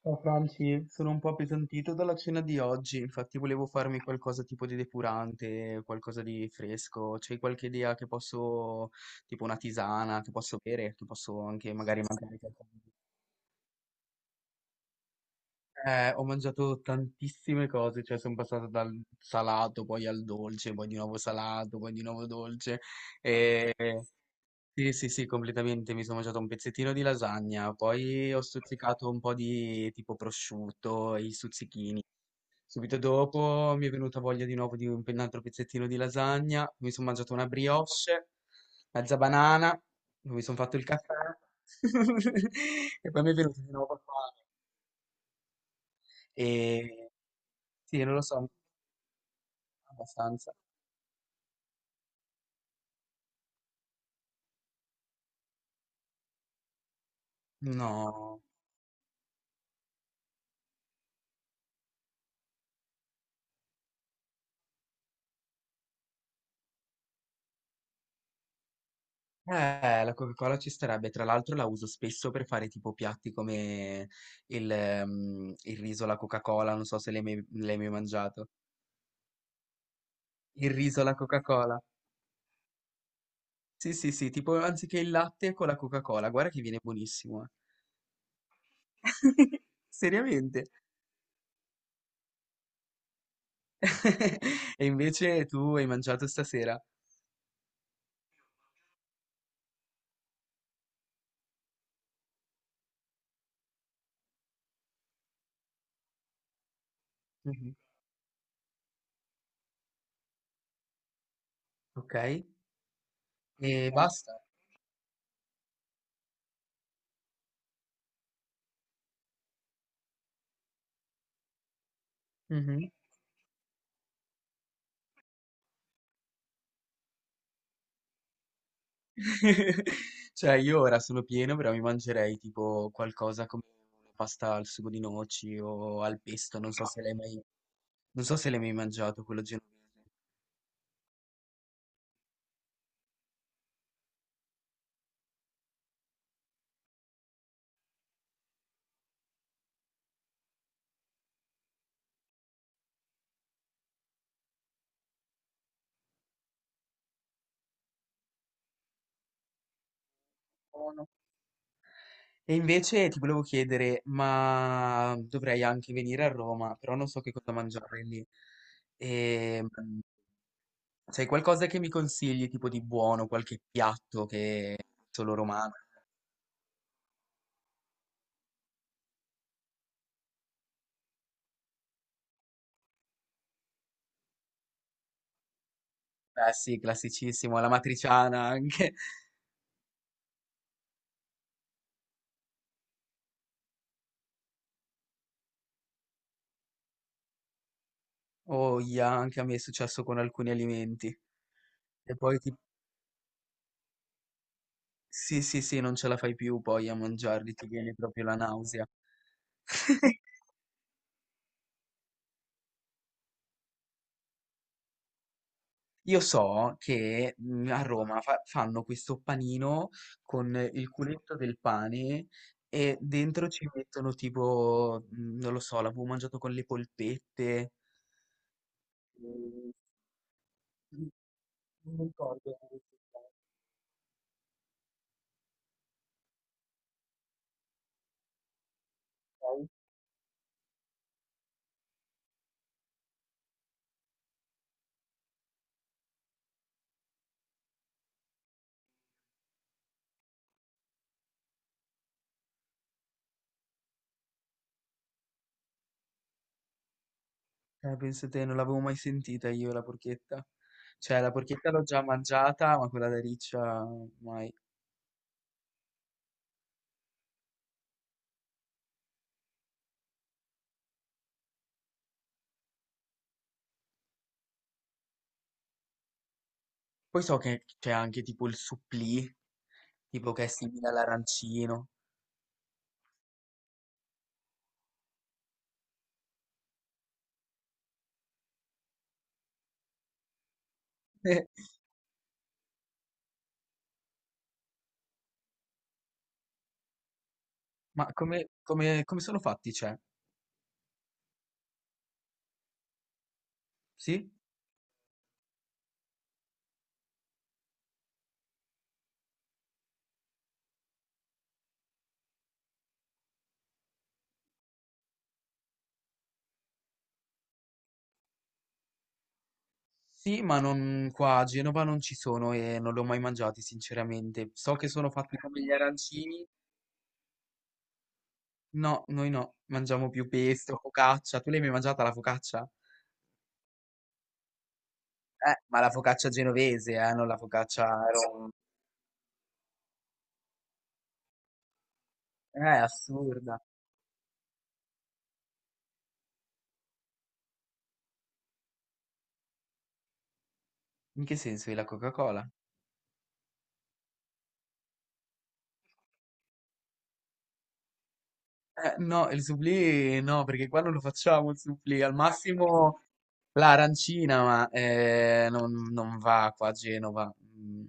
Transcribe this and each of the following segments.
Ciao Franci, sono un po' appesantito dalla cena di oggi, infatti volevo farmi qualcosa tipo di depurante, qualcosa di fresco. C'hai qualche idea che posso, tipo una tisana, che posso bere, che posso anche magari mangiare qualcosa? Ho mangiato tantissime cose, cioè sono passato dal salato, poi al dolce, poi di nuovo salato, poi di nuovo dolce. E... Sì, sì, sì, completamente. Mi sono mangiato un pezzettino di lasagna, poi ho stuzzicato un po' di tipo prosciutto, i stuzzichini. Subito dopo mi è venuta voglia di nuovo di un altro pezzettino di lasagna, mi sono mangiato una brioche, mezza banana, mi sono fatto il caffè e poi mi è venuto di nuovo fame. E sì, non lo so, abbastanza. No, la Coca-Cola ci starebbe, tra l'altro la uso spesso per fare tipo piatti come il riso alla Coca-Cola, non so se l'hai mai, l'hai mai mangiato. Il riso alla Coca-Cola. Sì, sì, sì, tipo anziché il latte con la Coca-Cola, guarda che viene buonissimo. Seriamente. E invece tu hai mangiato stasera. Mhm. Ok? E basta. Mhm. Cioè, io ora sono pieno, però mi mangerei tipo qualcosa come una pasta al sugo di noci o al pesto, non so se l'hai mai, non so se l'hai mai mangiato quello genovese. E invece ti volevo chiedere, ma dovrei anche venire a Roma, però non so che cosa mangiare lì. Ehm, c'è qualcosa che mi consigli, tipo di buono, qualche piatto che è solo romano? Eh sì, classicissimo, la matriciana anche. Oh, ia, anche a me è successo con alcuni alimenti. E poi ti... Sì, sì, sì, non ce la fai più poi a mangiarli, ti viene proprio la nausea. Io so che a Roma fanno questo panino con il culetto del pane e dentro ci mettono tipo, non lo so, l'avevo mangiato con le polpette. Mm, non ricordo come si chiama, ok? Pensa te, non l'avevo mai sentita io la porchetta. Cioè, la porchetta l'ho già mangiata, ma quella da riccia mai. Poi so che c'è anche tipo il supplì, tipo che è simile all'arancino. Ma come, come sono fatti, cioè? Sì? Sì, ma non qua a Genova non ci sono e non li ho mai mangiati, sinceramente. So che sono fatti come gli arancini. No, noi no, mangiamo più pesto, focaccia. Tu l'hai mai mangiata la focaccia? Ma la focaccia genovese, non la focaccia rom. Assurda. In che senso è la Coca-Cola? No, il supplì no, perché qua non lo facciamo il supplì, al massimo l'arancina, ma non va qua a Genova. Mm.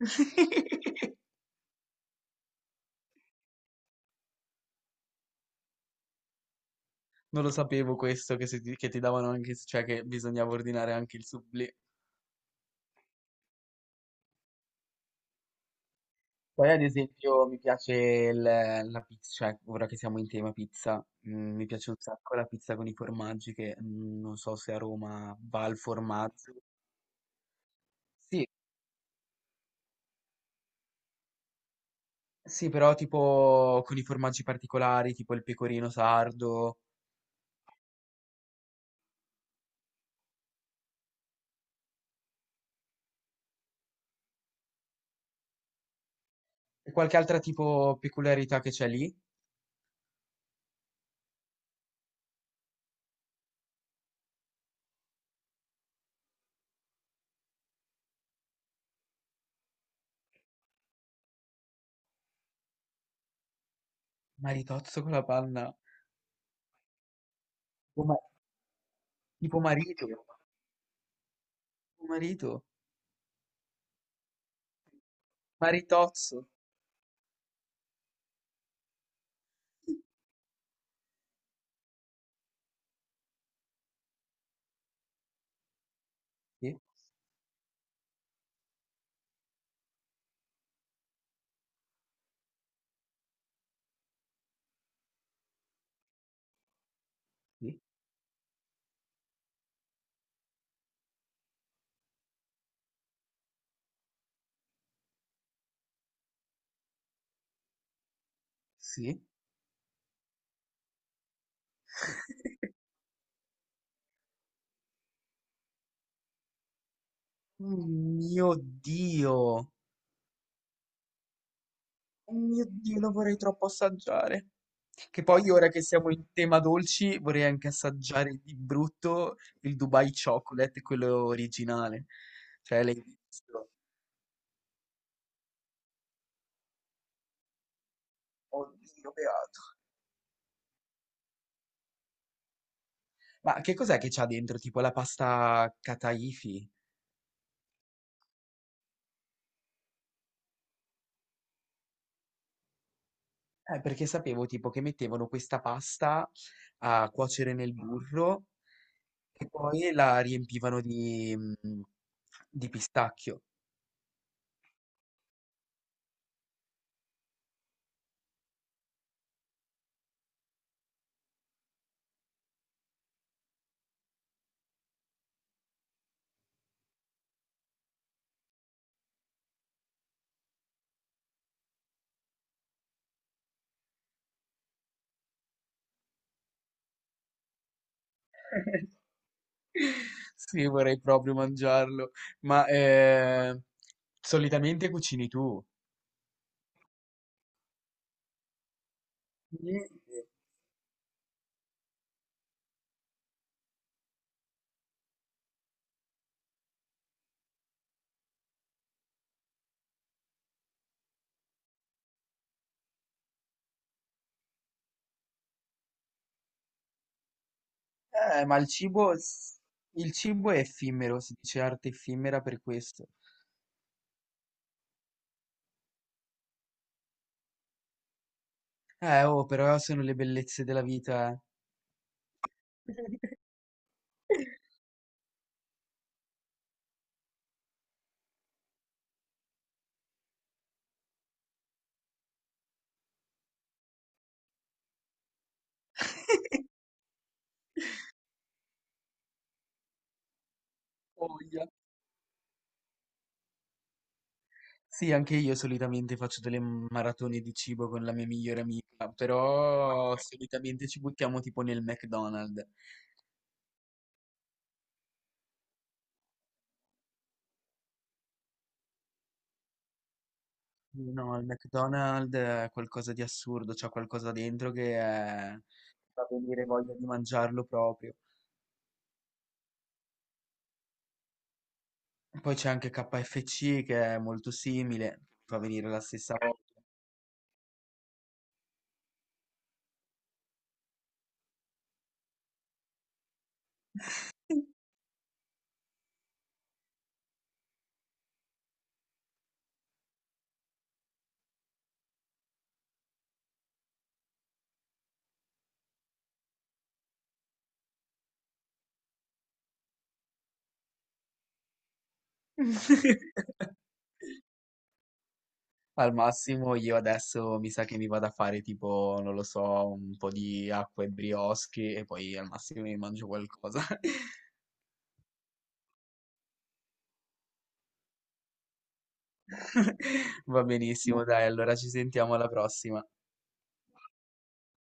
Non lo sapevo questo, che, se ti, che ti davano anche, cioè che bisognava ordinare anche il supplì. Poi ad esempio mi piace la pizza, cioè ora che siamo in tema pizza, mi piace un sacco la pizza con i formaggi che non so se a Roma va al formaggio. Sì, sì, però tipo con i formaggi particolari, tipo il pecorino sardo e qualche altra tipo peculiarità che c'è lì. Maritozzo con la panna, tipo, ma- tipo marito, marito, maritozzo. Sì, sì. Sì. Oh mio Dio, oh mio Dio, lo vorrei troppo assaggiare. Che poi ora che siamo in tema dolci, vorrei anche assaggiare di brutto il Dubai Chocolate, quello originale. Cioè, l'hai visto? Oddio, beato. Ma che cos'è che c'ha dentro? Tipo la pasta kataifi? Perché sapevo tipo che mettevano questa pasta a cuocere nel burro. E poi la riempivano di, di pistacchio. Sì, vorrei proprio mangiarlo. Ma eh, Solitamente cucini tu. Eh, ma il cibo, s- il cibo è effimero, si dice arte effimera per questo. Oh, però sono le bellezze della vita. Eh. Oh, yeah. Sì, anche io solitamente faccio delle maratone di cibo con la mia migliore amica, però solitamente ci buttiamo tipo nel McDonald's. Sì, no, il McDonald's è qualcosa di assurdo, c'è qualcosa dentro che fa venire voglia di mangiarlo proprio. Poi c'è anche KFC che è molto simile, fa venire la stessa voglia. Al massimo io adesso mi sa che mi vado a fare tipo, non lo so, un po' di acqua e brioche e poi al massimo mi mangio qualcosa. Va benissimo, dai, allora ci sentiamo alla prossima.